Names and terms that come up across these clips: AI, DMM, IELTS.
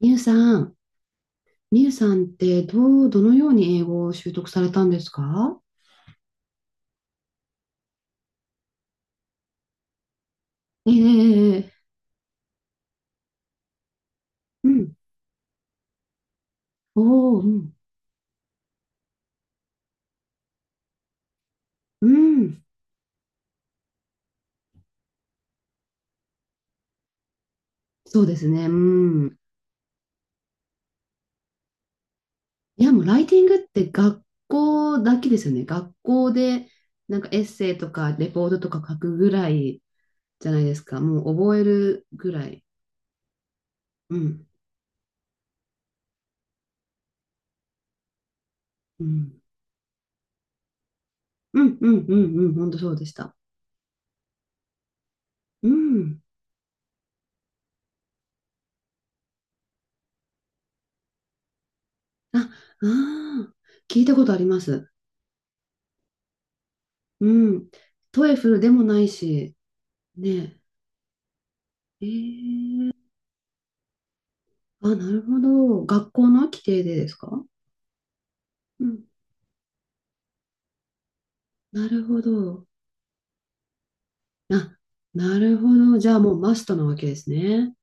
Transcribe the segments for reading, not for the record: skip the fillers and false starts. みゆさん、みゆさんってどのように英語を習得されたんですか？ええ。ええ。うん。おお、うん。うん。そうですね。うん。いや、もうライティングって学校だけですよね。学校で、なんかエッセイとかレポートとか書くぐらいじゃないですか。もう覚えるぐらい。うん。うん。うん。本当そうでした。うん。あ、ああ、聞いたことあります。うん。トエフルでもないし、ね。ええ。あ、なるほど。学校の規定でですか？うん。なるほど。あ、なるほど。じゃあもうマストなわけですね。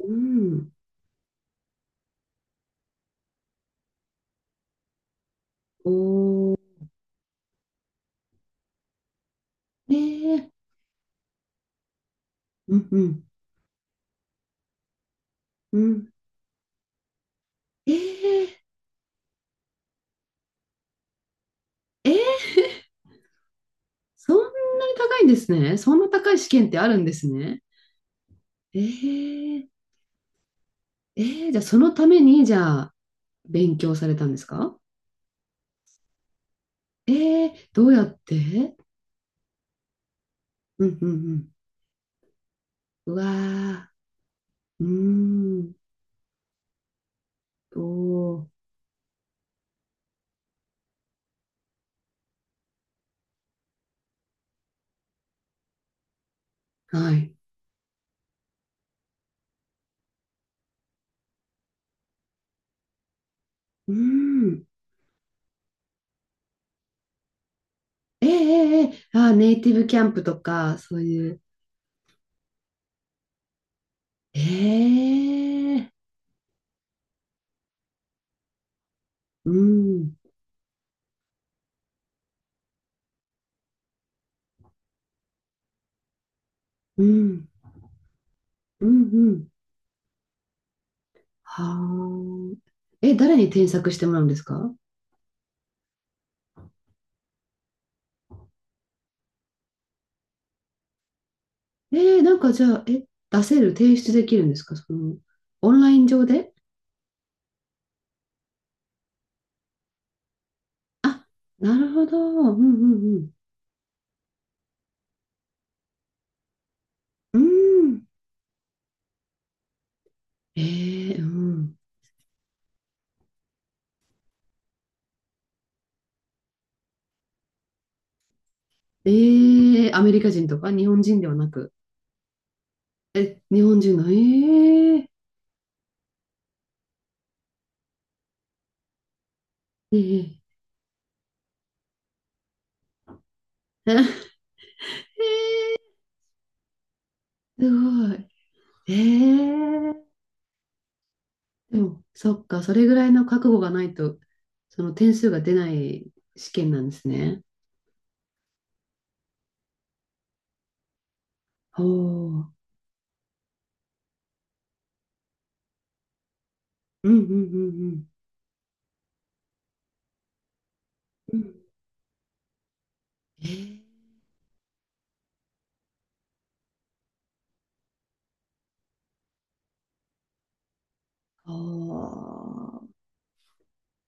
うん。おー。ええ。うんうん。うん。ええ。ええ。そんなに高いんですね。そんな高い試験ってあるんですね。ええ。ええ。じゃあそのために、じゃあ勉強されたんですか？ええ、どうやって？うんうんうん。うわー。うーん。おー。はい。うん。ええ。ええ。ええ。あ、ネイティブキャンプとか、そういう。ええ。うん、うん、うん。はあ。え、誰に添削してもらうんですか？えー、なんかじゃあ、出せる、提出できるんですか、その、オンライン上で？あ、なるほど。うん、うん、うん。うん。えー、うん。えー、アメリカ人とか日本人ではなく。え、日本人の、ええ。ええ。ええ。すごい。ええ。でも、そっか、それぐらいの覚悟がないと、その点数が出ない試験なんですね。おお。うんうんうんうん。うん。えー。あ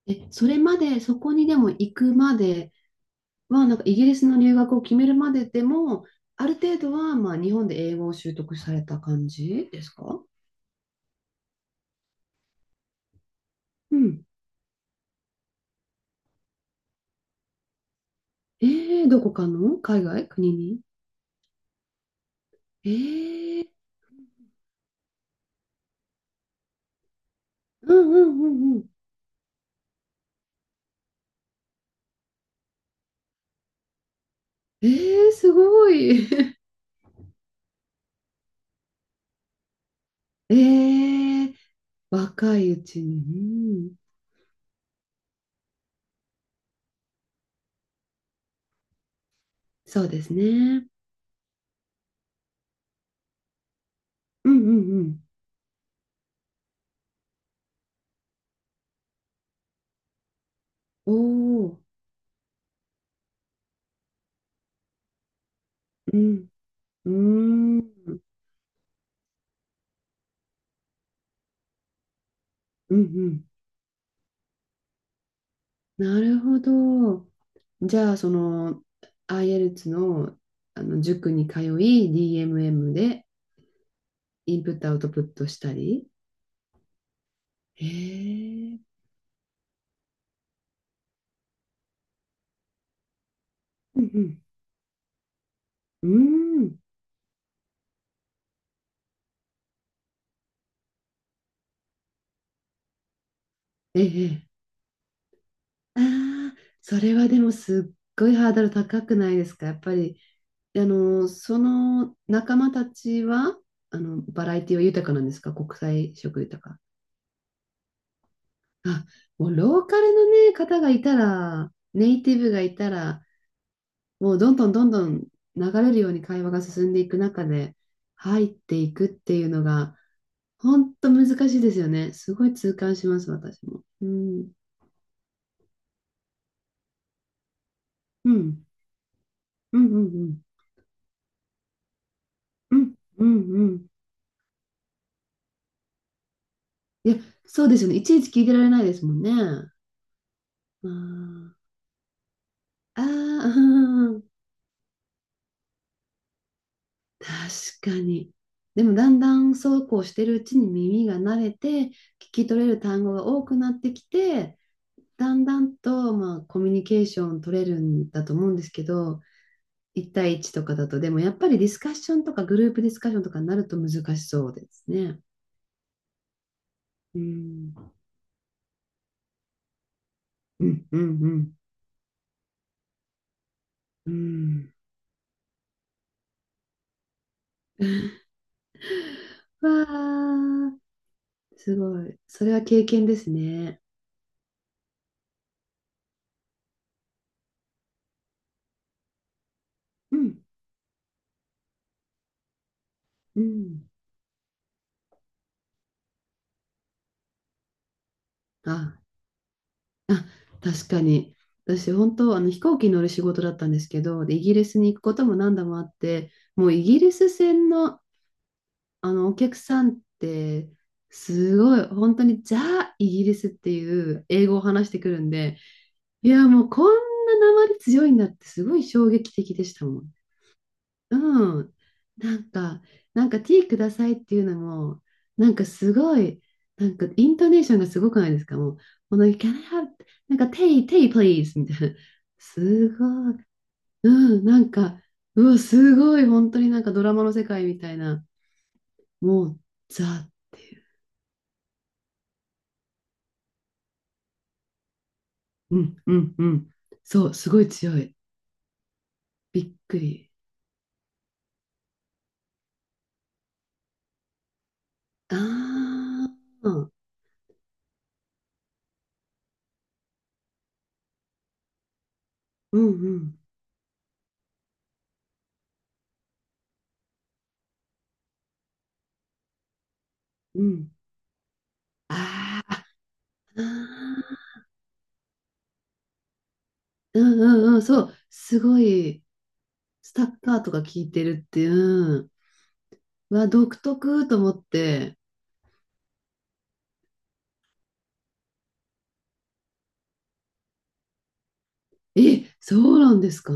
ー。え、それまで、そこにでも行くまでは、なんかイギリスの留学を決めるまででも、ある程度は、まあ、日本で英語を習得された感じですか？うん。えー、どこかの海外国に？えー。うんうんうんうん。えー、すごい。えー、若いうちに。うん、そうですね。うんうんうん。おー、うん、うーん、うんうん。なるほど。じゃあ、その、IELTS の、あの塾に通い、DMM でインプットアウトプットしたり。えー、うんうん。うーん。ええ。ああ、それはでもすっごいハードル高くないですか？やっぱり、あの、その仲間たちは、あの、バラエティは豊かなんですか？国際色豊か。あ、もうローカルのね、方がいたら、ネイティブがいたら、もうどんどんどんどん流れるように会話が進んでいく中で入っていくっていうのが、本当難しいですよね。すごい痛感します、私も。うん。うん。うんうんうん。うんうんうん。いや、そうですよね。いちいち聞いてられないですもんね。うん。ああ、うん、確かに。でもだんだんそうこうしてるうちに耳が慣れて、聞き取れる単語が多くなってきて、だんだんと、まあ、コミュニケーション取れるんだと思うんですけど、一対一とかだと、でもやっぱりディスカッションとかグループディスカッションとかになると難しそうですね。うん、うん、うん、うん。うん。わあ、すごい。それは経験ですね。うん。うん。あ、あ、確かに。私、本当、あの飛行機乗る仕事だったんですけど、で、イギリスに行くことも何度もあって、もうイギリス船の、あのお客さんって、すごい、本当にザ・イギリスっていう英語を話してくるんで、いや、もうこんな訛り強いんだって、すごい衝撃的でしたもん。うん。なんか、なんかティーくださいっていうのも、なんかすごい、なんかイントネーションがすごくないですか？もう、この、like, Can I have, なんか tea, tea please みたいな。すごい。うん、なんか、うわ、すごい、本当になんかドラマの世界みたいな。もう、ザっていう。うん、うん、うん。そう、すごい強い。びっくり。ああ、うんうんうん。ああ、うんうんうん、そう、すごい。スタッカーとか聞いてるっていう、は独特と思って、え、そうなんですか？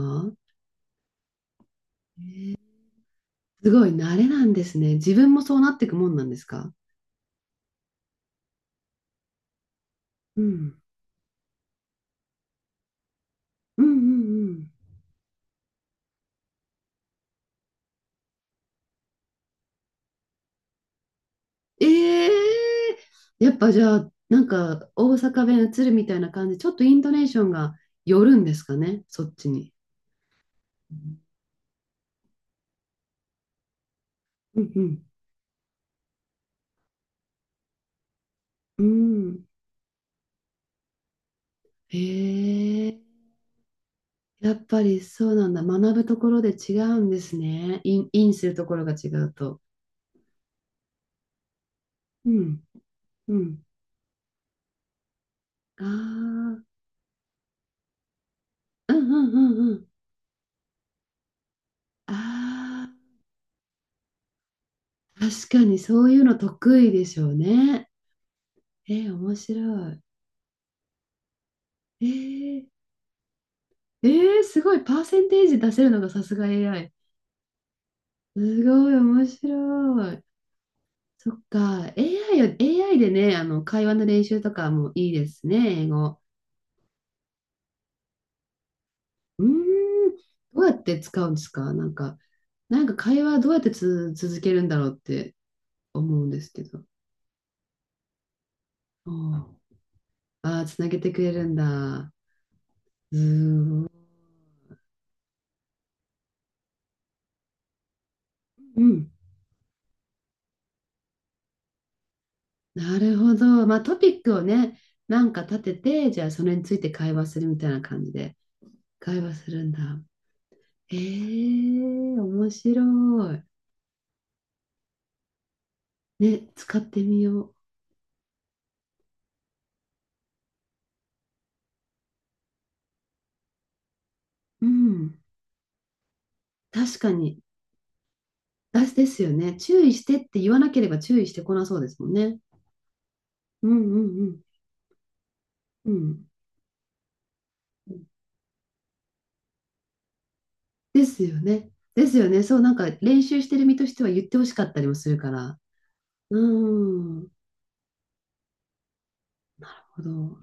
すごい慣れなんですね。自分もそうなっていくもんなんですか？うん。うんうんうん。ええ。やっぱじゃあ、なんか大阪弁移るみたいな感じ、ちょっとイントネーションが寄るんですかね、そっちに。うんうん。うん。へえ。やっぱりそうなんだ。学ぶところで違うんですね。イン、インするところが違うと。うん。うん。ああ、うんうんうんうん。ああ、確かにそういうの得意でしょうね。えー、面白い。えー、えー、すごい、パーセンテージ出せるのがさすが AI。すごい、面白い。そっか、AI を、AI でね、あの、会話の練習とかもいいですね、英語。うーん、どうやって使うんですか？なんか、なんか会話どうやってつ、続けるんだろうって思うんですけど。ああ、あー、つなげてくれるんだ。うーん。うん、なるほど。まあトピックをね、なんか立てて、じゃあそれについて会話するみたいな感じで会話するんだ。えー、面白い。ね、使ってみよう。うん。確かに。あ、ですよね。注意してって言わなければ注意してこなそうですもんね。うんうんうん。うん。ですよね。ですよね。そう、なんか練習してる身としては言ってほしかったりもするから。うん。なるほど。